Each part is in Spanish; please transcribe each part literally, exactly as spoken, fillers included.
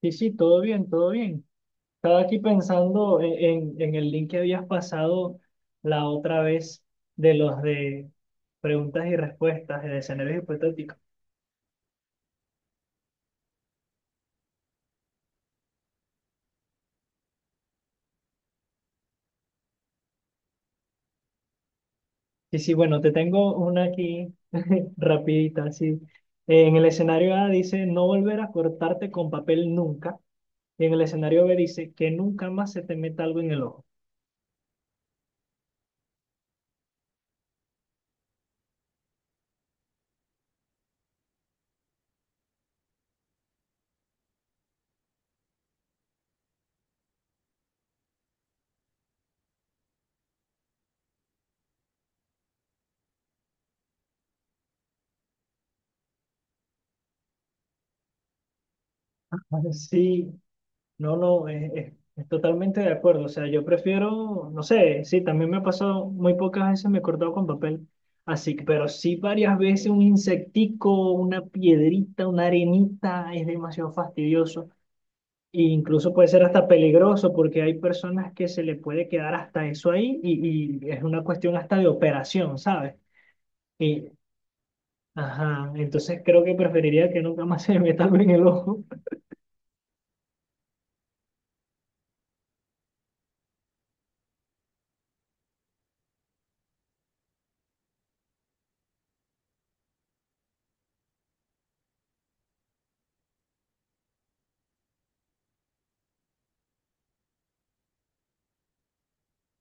Sí, sí, todo bien, todo bien. Estaba aquí pensando en, en, en el link que habías pasado la otra vez de los de preguntas y respuestas de escenarios hipotéticos. Sí, sí, bueno, te tengo una aquí rapidita, sí. En el escenario A dice no volver a cortarte con papel nunca. Y en el escenario B dice que nunca más se te meta algo en el ojo. Sí. No, no, es, es- es totalmente de acuerdo. O sea, yo prefiero, no sé, sí, también me ha pasado, muy pocas veces me he cortado con papel, así, pero sí varias veces un insectico, una piedrita, una arenita, es demasiado fastidioso. E incluso puede ser hasta peligroso porque hay personas que se le puede quedar hasta eso ahí y, y es una cuestión hasta de operación, ¿sabes? Y, ajá, entonces creo que preferiría que nunca más se me meta algo en el ojo.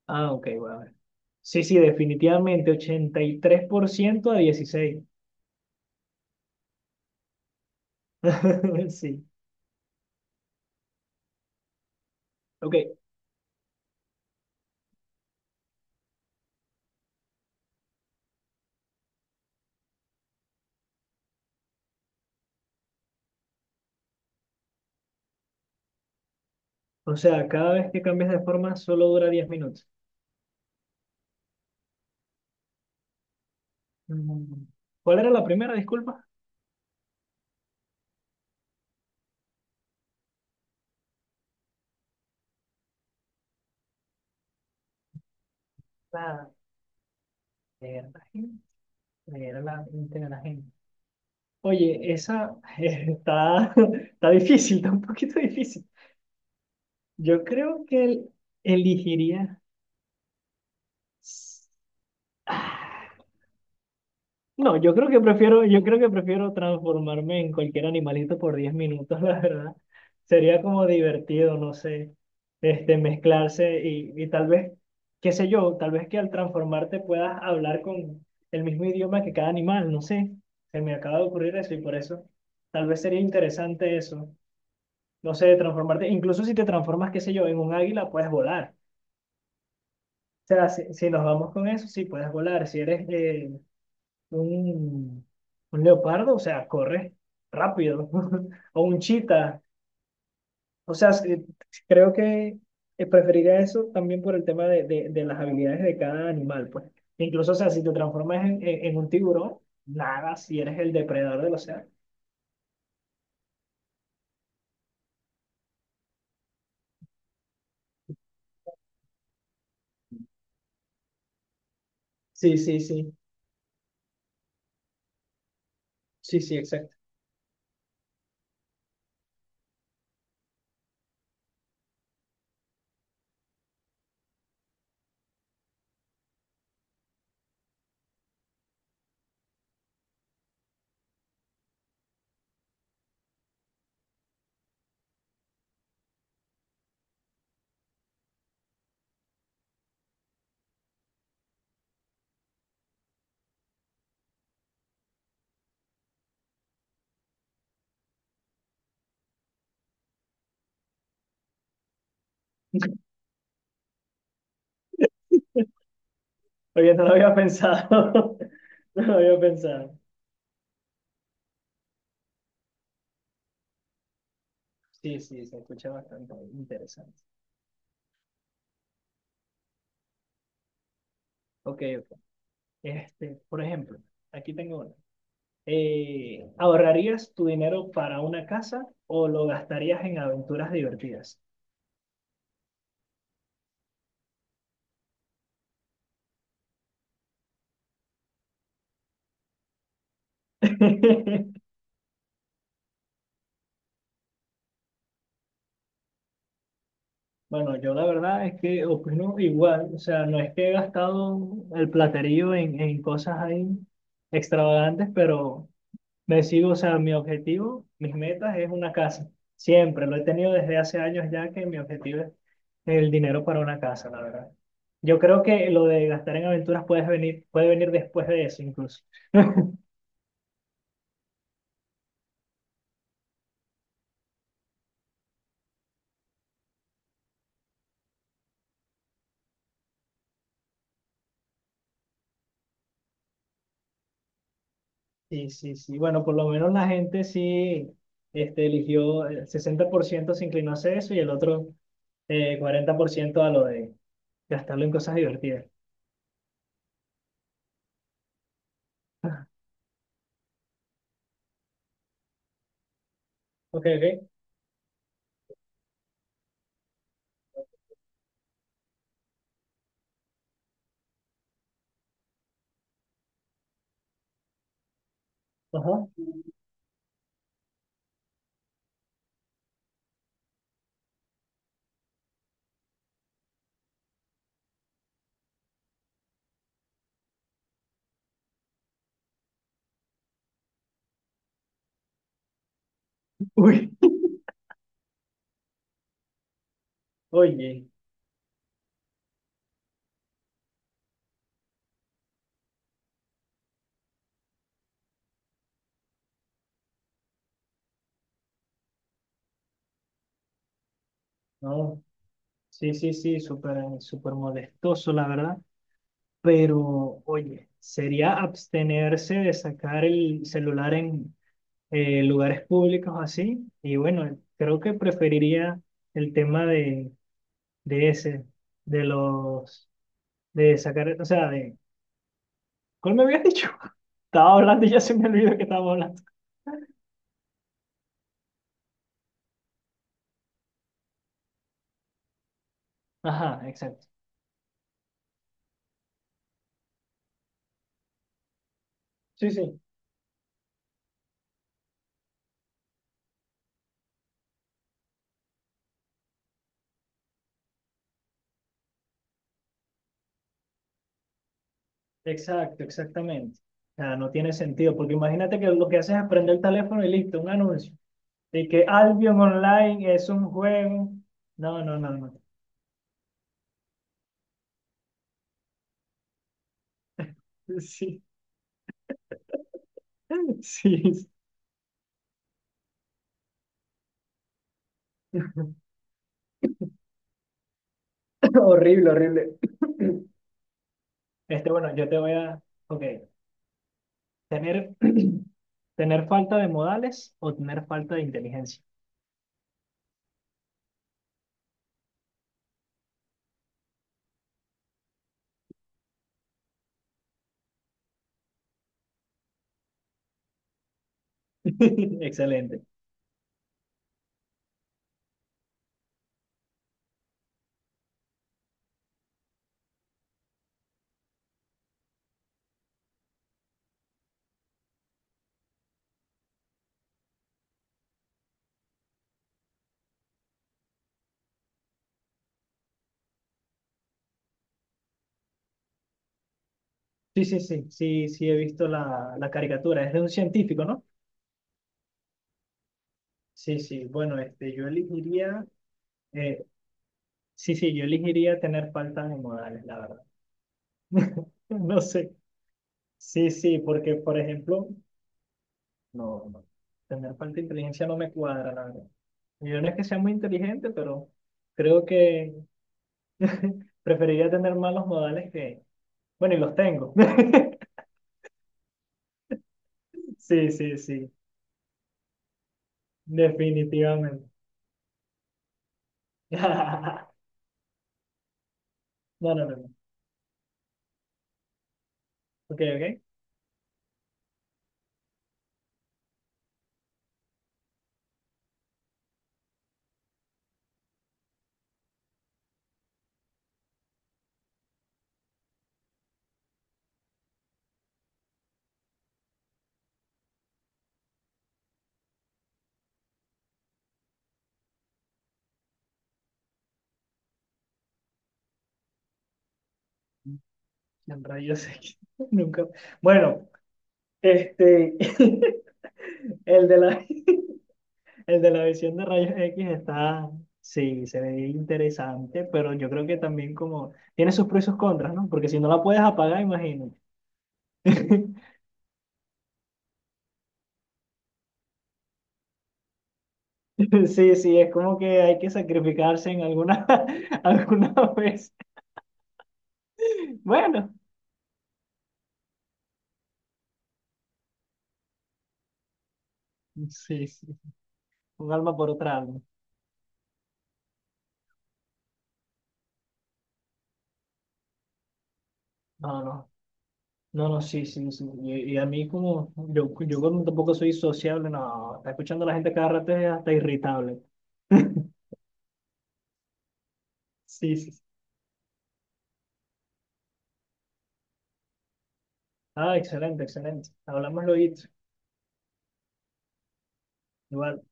Ah, ok, bueno. Sí, sí, definitivamente, ochenta y tres por ciento a dieciséis. Sí, ok. O sea, cada vez que cambias de forma solo dura diez minutos. Mm. ¿Cuál era la primera, disculpa? La de la gente. Leer la mente de la gente. Oye, esa está, está difícil, está un poquito difícil. Yo creo que el- elegiría... No, yo creo que prefiero, yo creo que prefiero transformarme en cualquier animalito por diez minutos, la verdad. Sería como divertido, no sé, este, mezclarse y, y tal vez, qué sé yo, tal vez que al transformarte puedas hablar con el mismo idioma que cada animal, no sé. Se me acaba de ocurrir eso y por eso tal vez sería interesante eso. No sé, transformarte, incluso si te transformas, qué sé yo, en un águila, puedes volar. O sea, si, si nos vamos con eso, sí, puedes volar. Si eres eh, un, un leopardo, o sea, corre rápido. O un chita. O sea, sí, creo que eh, preferiría eso también por el tema de, de, de las habilidades de cada animal, pues. Incluso, o sea, si te transformas en, en, en un tiburón, nada, si eres el depredador del océano. Sí, sí, sí. Sí, sí, exacto. Oye, no lo había pensado. No lo había pensado. Sí, sí, se escucha bastante interesante. Ok, ok. Este, por ejemplo, aquí tengo una. Eh, ¿ahorrarías tu dinero para una casa o lo gastarías en aventuras divertidas? Bueno, yo la verdad es que opino igual, o sea, no es que he gastado el platerío en, en cosas ahí extravagantes, pero me sigo, o sea, mi objetivo, mis metas es una casa. Siempre, lo he tenido desde hace años ya que mi objetivo es el dinero para una casa, la verdad. Yo creo que lo de gastar en aventuras puede venir, puede venir después de eso incluso. Sí, sí, sí. Bueno, por lo menos la gente sí este, eligió, el sesenta por ciento se inclinó hacia eso y el otro eh, cuarenta por ciento a lo de gastarlo en cosas divertidas. Ok, ok. Ajá. Uy, oye, no. Sí, sí, sí, súper, súper molestoso, la verdad. Pero, oye, sería abstenerse de sacar el celular en eh, lugares públicos así. Y bueno, creo que preferiría el tema de de ese, de los, de sacar, o sea, de, ¿cuál me habías dicho? Estaba hablando y ya se me olvidó que estaba hablando. Ajá, exacto. Sí, sí, exacto, exactamente. O sea, no tiene sentido, porque imagínate que lo que haces es prender el teléfono y listo, un anuncio. De que Albion Online es un juego. No, no, no, no. Sí, sí. Horrible, horrible. Este, bueno, yo te voy a, ok, tener, tener falta de modales o tener falta de inteligencia. Excelente. Sí, sí, sí, sí, sí, he visto la, la caricatura. Es de un científico, ¿no? Sí, sí, bueno, este, yo elegiría, eh, sí, sí, yo elegiría tener faltas de modales, la verdad. No sé. Sí, sí, porque, por ejemplo, no, no, tener falta de inteligencia no me cuadra, la verdad. Yo no es que sea muy inteligente, pero creo que preferiría tener malos modales que, bueno, y los tengo. Sí, sí, sí, definitivamente. No, no, no. No. Ok, ok. En rayos equis. Nunca. Bueno, este. El de la, el de la visión de rayos equis está. Sí, se ve interesante, pero yo creo que también como. Tiene sus pros y sus contras, ¿no? Porque si no la puedes apagar, imagínate. Sí, sí, es como que hay que sacrificarse en alguna, alguna vez. Bueno, sí, sí. Un alma por otra alma. No, no. No, no, sí, sí, sí. Y, y a mí como, yo, yo como tampoco soy sociable, no, está escuchando a la gente cada rato es hasta irritable. Sí, sí. Sí. Ah, excelente, excelente. Hablamos luego. Igual.